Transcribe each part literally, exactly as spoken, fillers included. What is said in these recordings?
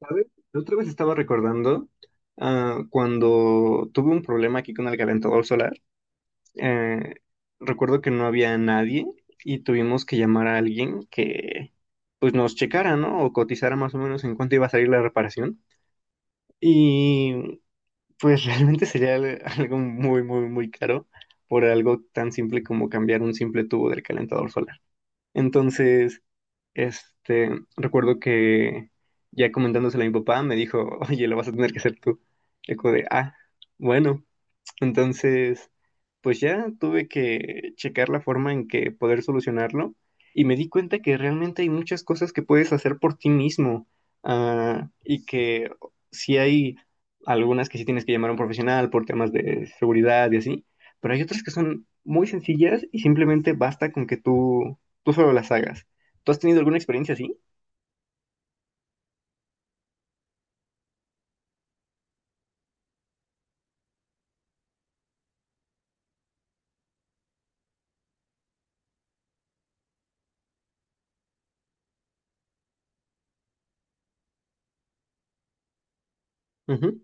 ¿Sabes? La otra vez estaba recordando ah, cuando tuve un problema aquí con el calentador solar. eh, Recuerdo que no había nadie y tuvimos que llamar a alguien que pues nos checara, ¿no? O cotizara más o menos en cuánto iba a salir la reparación. Y pues realmente sería al- algo muy, muy, muy caro por algo tan simple como cambiar un simple tubo del calentador solar. Entonces... Este, recuerdo que ya comentándoselo a mi papá, me dijo, oye, lo vas a tener que hacer tú. Y como de, ah, bueno. Entonces, pues ya tuve que checar la forma en que poder solucionarlo y me di cuenta que realmente hay muchas cosas que puedes hacer por ti mismo, ah, y que sí hay algunas que sí tienes que llamar a un profesional por temas de seguridad y así, pero hay otras que son muy sencillas y simplemente basta con que tú, tú solo las hagas. ¿Tú has tenido alguna experiencia así? Ujú,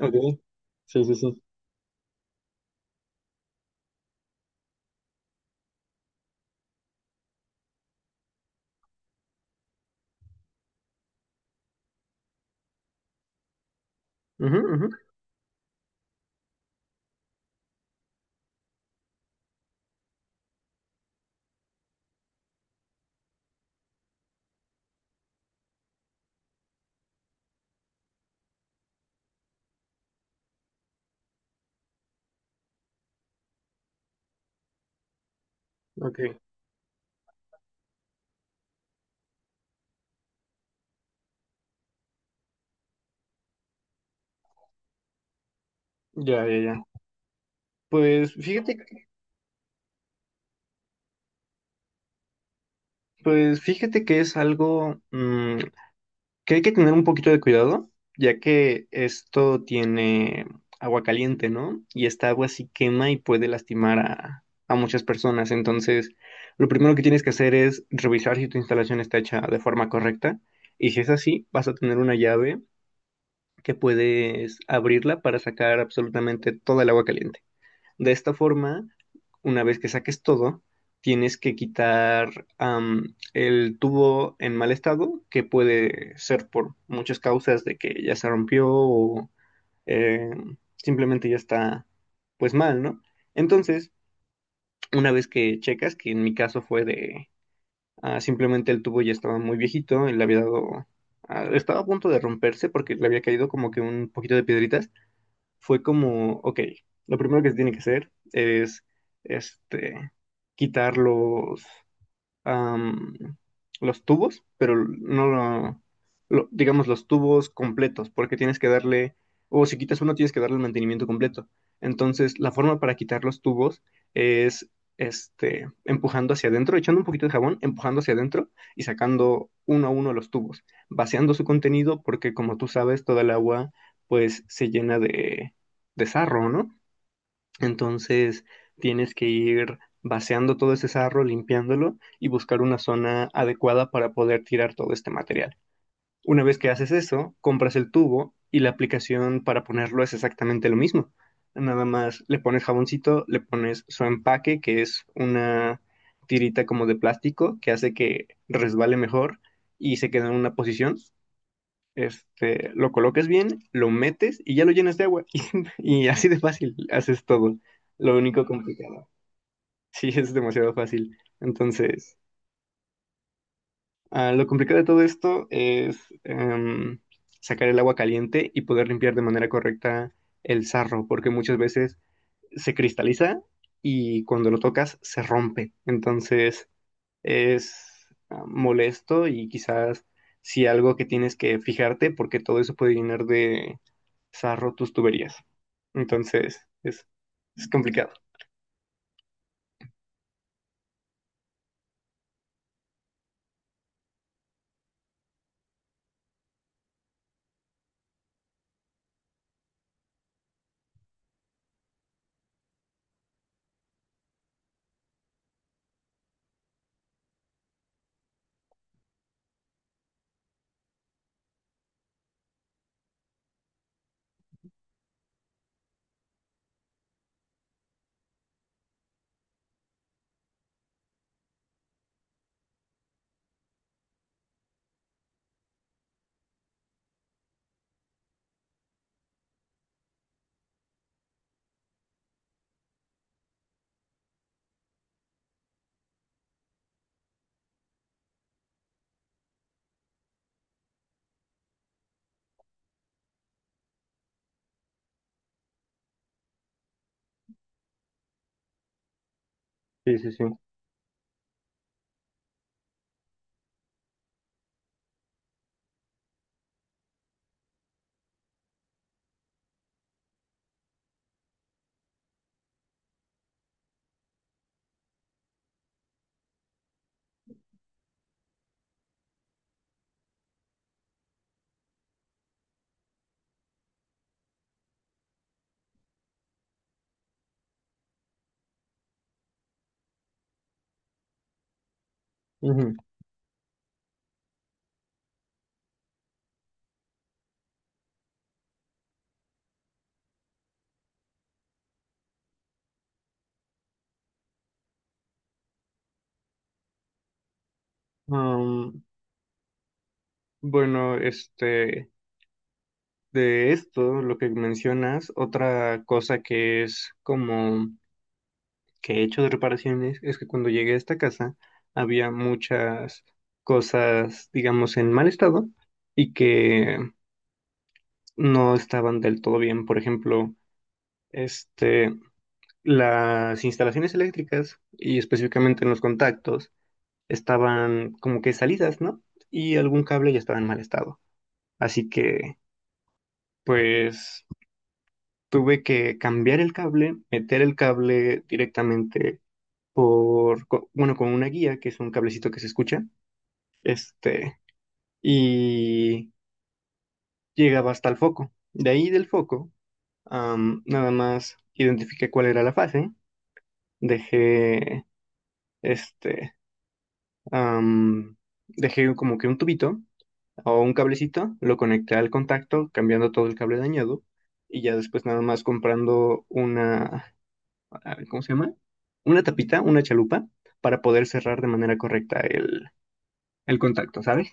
ok. Ok, sí, sí, sí. Ujú, ujú, ok. Ya, ya, ya. Pues fíjate Pues fíjate que es algo mm, que hay que tener un poquito de cuidado, ya que esto tiene agua caliente, ¿no? Y esta agua sí quema y puede lastimar a, a muchas personas. Entonces, lo primero que tienes que hacer es revisar si tu instalación está hecha de forma correcta. Y si es así, vas a tener una llave que puedes abrirla para sacar absolutamente toda el agua caliente. De esta forma, una vez que saques todo, tienes que quitar am, el tubo en mal estado, que puede ser por muchas causas de que ya se rompió o eh, simplemente ya está pues mal, ¿no? Entonces, una vez que checas, que en mi caso fue de ah, simplemente el tubo ya estaba muy viejito y le había dado, ah, estaba a punto de romperse porque le había caído como que un poquito de piedritas, fue como, ok, lo primero que se tiene que hacer es este, quitar los, am, los tubos, pero no lo, lo- digamos, los tubos completos, porque tienes que darle, o si quitas uno, tienes que darle el mantenimiento completo. Entonces, la forma para quitar los tubos es, este, empujando hacia adentro, echando un poquito de jabón, empujando hacia adentro y sacando uno a uno los tubos, vaciando su contenido, porque como tú sabes, toda el agua, pues, se llena de, de sarro, ¿no? Entonces tienes que ir vaciando todo ese sarro, limpiándolo y buscar una zona adecuada para poder tirar todo este material. Una vez que haces eso, compras el tubo y la aplicación para ponerlo es exactamente lo mismo. Nada más le pones jaboncito, le pones su empaque, que es una tirita como de plástico que hace que resbale mejor y se queda en una posición, este, lo colocas bien, lo metes y ya lo llenas de agua. Y, y así de fácil haces todo. Lo único complicado. Sí, es demasiado fácil. Entonces, ah, lo complicado de todo esto es em, sacar el agua caliente y poder limpiar de manera correcta el sarro, porque muchas veces se cristaliza y cuando lo tocas se rompe. Entonces, es ah, molesto y quizás si algo que tienes que fijarte, porque todo eso puede llenar de zarro tus tuberías. Entonces, es, es complicado. Sí, sí, sí. Ujú. Am, bueno, este, de esto, lo que mencionas, otra cosa que es como que he hecho de reparaciones es que cuando llegué a esta casa había muchas cosas, digamos, en mal estado y que no estaban del todo bien. Por ejemplo, este, las instalaciones eléctricas y específicamente en los contactos estaban como que salidas, ¿no? Y algún cable ya estaba en mal estado. Así que, pues, tuve que cambiar el cable, meter el cable directamente por, co- bueno, con una guía, que es un cablecito que se escucha, este, y llegaba hasta el foco. De ahí del foco, am, nada más identifiqué cuál era la fase, dejé, este, am, dejé como que un tubito o un cablecito, lo conecté al contacto, cambiando todo el cable dañado y ya después nada más comprando una, ah, ¿cómo se llama? Una tapita, una chalupa para poder cerrar de manera correcta el, el contacto, ¿sabes?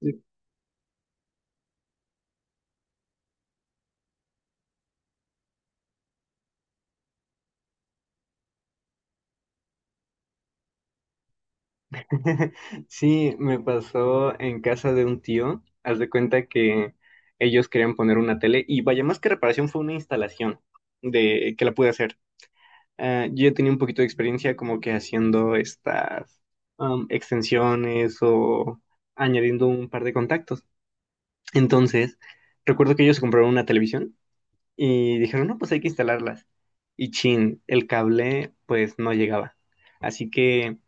Sí. Sí, me pasó en casa de un tío, haz de cuenta que ellos querían poner una tele y vaya más que reparación fue una instalación de que la pude hacer. Ah, yo ya tenía un poquito de experiencia como que haciendo estas am, extensiones o añadiendo un par de contactos. Entonces, recuerdo que ellos compraron una televisión y dijeron, no, pues hay que instalarlas. Y chin, el cable pues no llegaba. Así que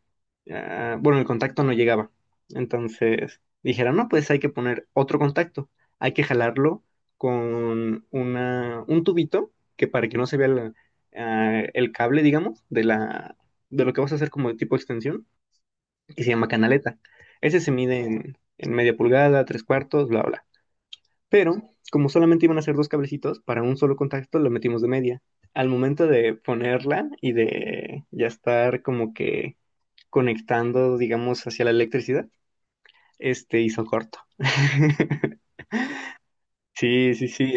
ah, bueno, el contacto no llegaba. Entonces dijeron, no, pues hay que poner otro contacto, hay que jalarlo con una, un tubito que para que no se vea la- ah, el cable, digamos, de la, de lo que vas a hacer como de tipo extensión, que se llama canaleta. Ese se mide en, en media pulgada, tres cuartos, bla, bla. Pero como solamente iban a ser dos cablecitos, para un solo contacto lo metimos de media. Al momento de ponerla y de ya estar como que conectando, digamos, hacia la electricidad, este hizo corto. Sí, sí, sí.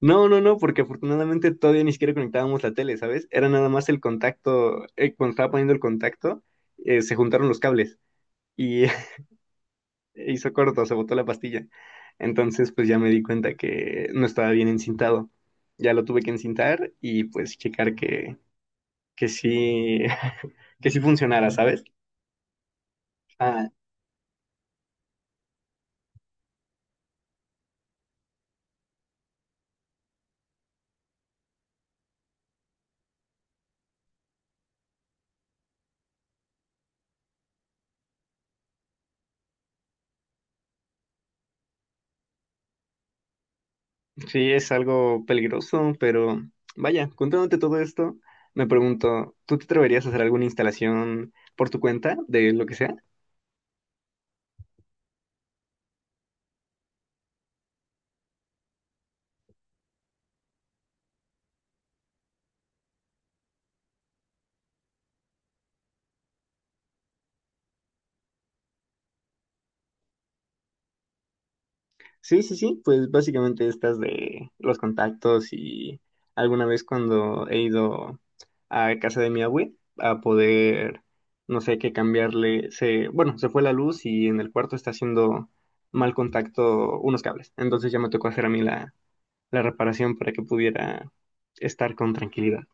No, no, no, porque afortunadamente todavía ni siquiera conectábamos la tele, ¿sabes? Era nada más el contacto, eh, cuando estaba poniendo el contacto, eh, se juntaron los cables y hizo corto, se botó la pastilla. Entonces, pues ya me di cuenta que no estaba bien encintado. Ya lo tuve que encintar y pues checar que, que sí, que sí funcionara, ¿sabes? Ah, sí, es algo peligroso, pero vaya, contándote todo esto, me pregunto, ¿tú te atreverías a hacer alguna instalación por tu cuenta de lo que sea? Sí, sí, sí, pues básicamente estas de los contactos y alguna vez cuando he ido a casa de mi abue a poder, no sé, qué cambiarle, se, bueno, se fue la luz y en el cuarto está haciendo mal contacto unos cables, entonces ya me tocó hacer a mí la, la reparación para que pudiera estar con tranquilidad.